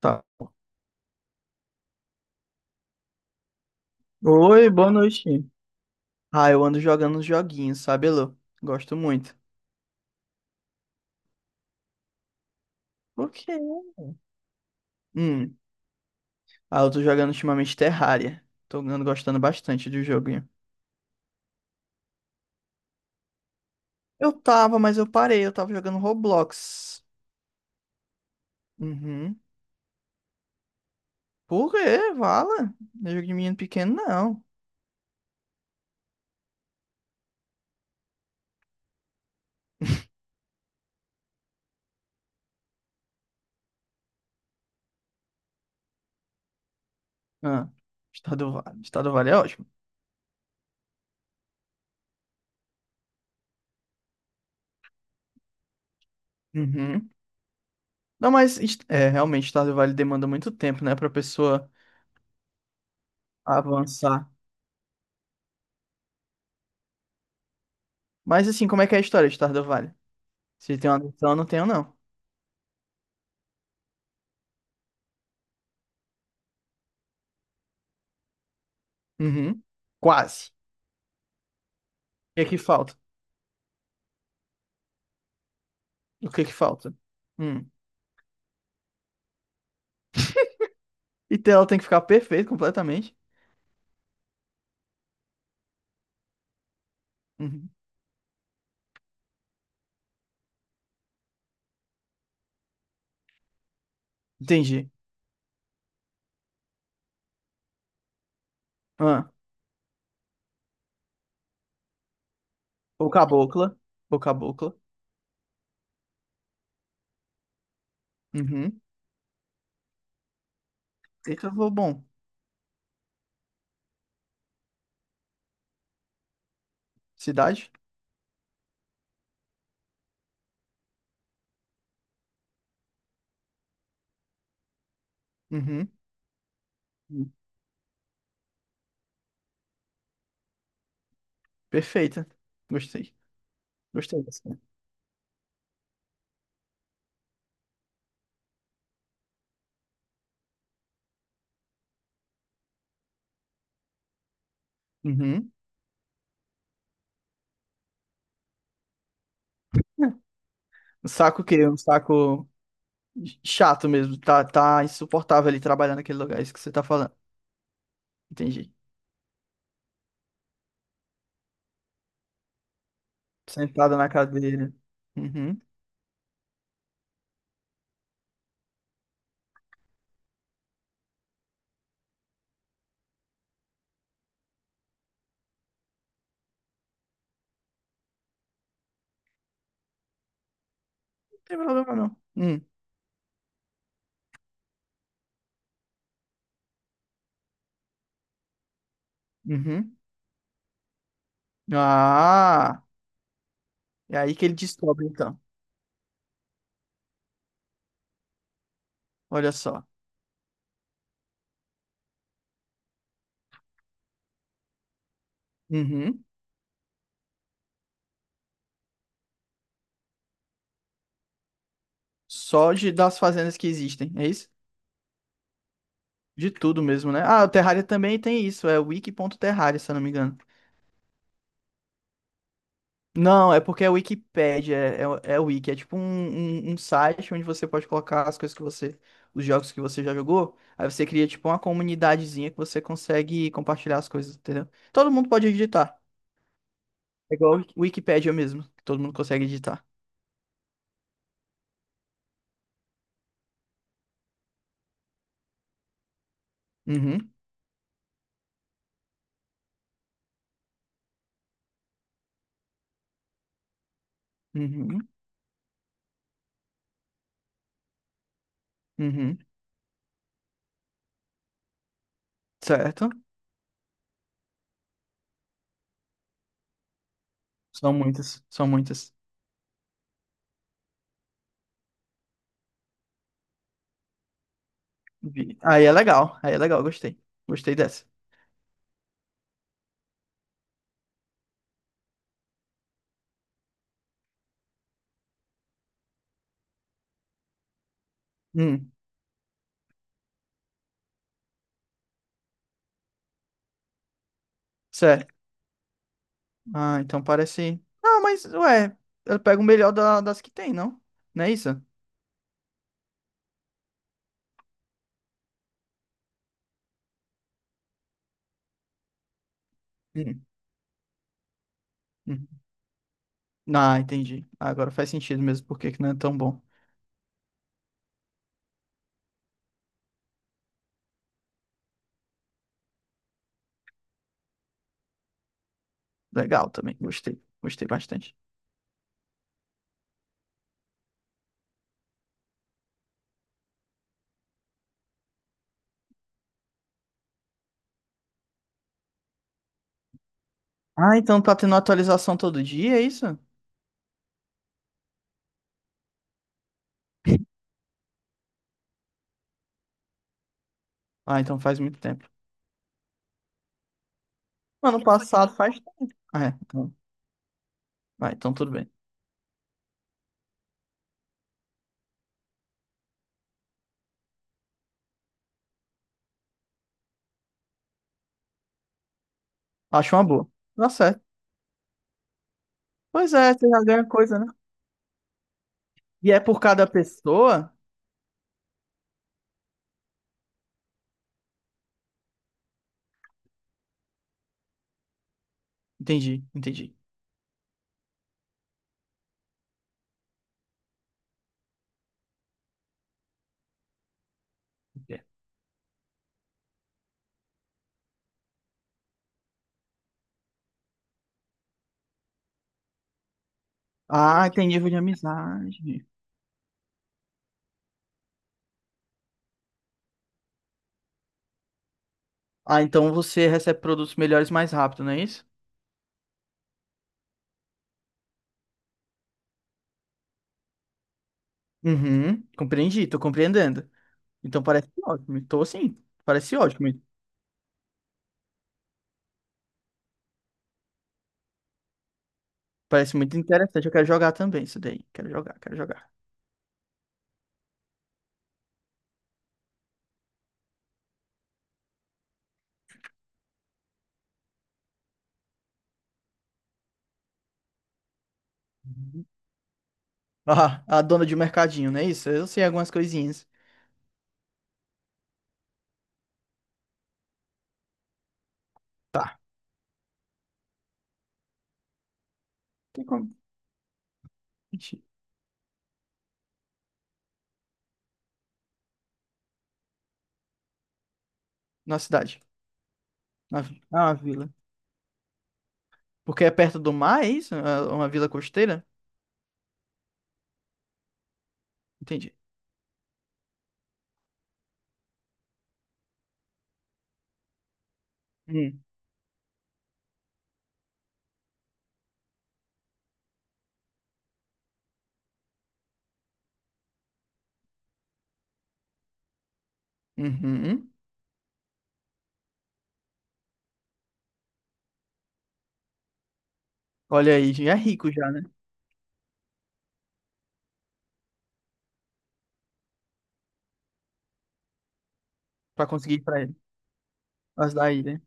Tá. Oi, boa noite. Ah, eu ando jogando uns joguinhos, sabe, Elô? Gosto muito. Por quê? Hum. Ah, eu tô jogando ultimamente Terraria. Tô andando gostando bastante do joguinho. Eu tava, mas eu parei. Eu tava jogando Roblox. Uhum. Por quê? Vala? Não é jogo de menino pequeno, não. Ah, Estado Vale. Estado Vale é ótimo. Uhum. Não, mas é, realmente, Estado Vale demanda muito tempo, né, pra pessoa avançar. Mas assim, como é que é a história de Estado Vale? Se tem uma noção, eu não tenho, não. Uhum. Quase. O que é que falta? O que é que falta? Hum. E tela tem que ficar perfeita completamente. Uhum. Entendi. Ah. Ou cabocla. Ou cabocla. Uhum. Eita, vou bom. Cidade? Uhum. Hum. Perfeita. Gostei. Gostei dessa. Uhum. É. Um saco que um saco chato mesmo. Tá, tá insuportável ali trabalhar naquele lugar. É isso que você tá falando. Entendi. Sentada na cadeira. Uhum. Não tem problema, não. Hum. Uhum. Ah! É aí que ele descobre, então. Olha só. Uhum. Só de, das fazendas que existem, é isso? De tudo mesmo, né? Ah, o Terraria também tem isso, é wiki.terraria, se eu não me engano. Não, é porque é Wikipédia, é, é, é wiki, é tipo um, um, um site onde você pode colocar as coisas que você, os jogos que você já jogou, aí você cria tipo uma comunidadezinha que você consegue compartilhar as coisas, entendeu? Todo mundo pode editar, é igual Wikipédia mesmo, que todo mundo consegue editar. Uhum. Uhum. Uhum. Certo? São muitas, são muitas. Vi. Aí é legal, gostei. Gostei dessa. Hum, certo. Ah, então parece. Ah, mas, ué, eu pego o melhor das que tem, não? Não é isso? Hum, hum. Ah, entendi. Agora faz sentido mesmo porque que não é tão bom. Legal também, gostei. Gostei bastante. Ah, então tá tendo atualização todo dia, é isso? Ah, então faz muito tempo. Ano passado faz. Ah, é, então. Ah, então tudo bem. Acho uma boa. Tá certo. Pois é, você já ganha coisa, né? E é por cada pessoa? Entendi, entendi. Ah, tem nível de amizade. Ah, então você recebe produtos melhores mais rápido, não é isso? Uhum, compreendi, tô compreendendo. Então parece ótimo, tô sim, parece ótimo. Parece muito interessante, eu quero jogar também isso daí. Quero jogar, quero jogar. Uhum. Ah, a dona de mercadinho, não é isso? Eu sei algumas coisinhas. Tá. Tem como? Gente. Na cidade, na, ah, na vila. Porque é perto do mar, é isso? É uma vila costeira? Entendi. Hum. Uhum. Olha aí, já é rico já, né? Pra conseguir ir pra ele. As da ilha.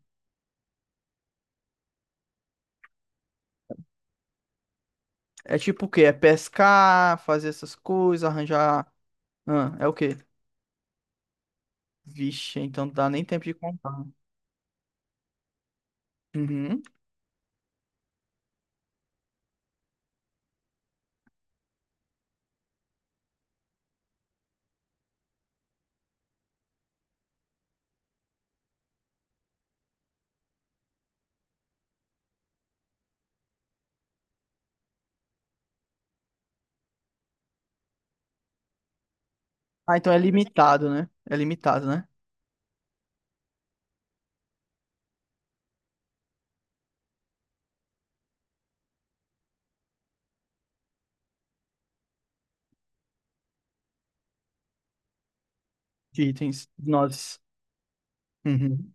É tipo o quê? É pescar, fazer essas coisas, arranjar. Ah, é o quê? Vixe, então não dá nem tempo de contar. Uhum. Ah, então é limitado, né? É limitado, né? De itens, de nozes. Uhum.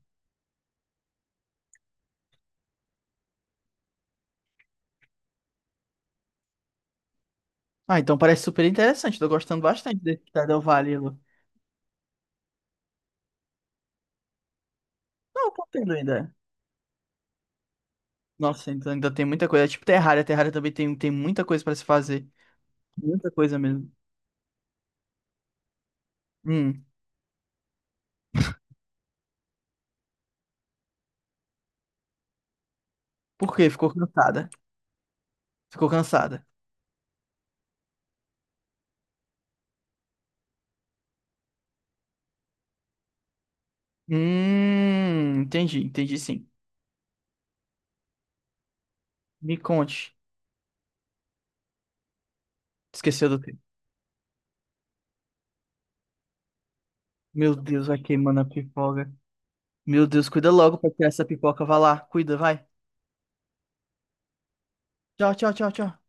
Ah, então parece super interessante. Tô gostando bastante desse Stardew Valley, Lu. Não, eu tô tendo ainda. Nossa, então ainda tem muita coisa. É tipo Terraria. Terraria também tem, tem muita coisa pra se fazer. Muita coisa mesmo. Hum. Por quê? Ficou cansada. Ficou cansada. Entendi, entendi sim. Me conte. Esqueceu do. Meu Deus, vai queimando a pipoca. Meu Deus, cuida logo pra tirar essa pipoca. Vai lá, cuida, vai. Tchau, tchau, tchau, tchau.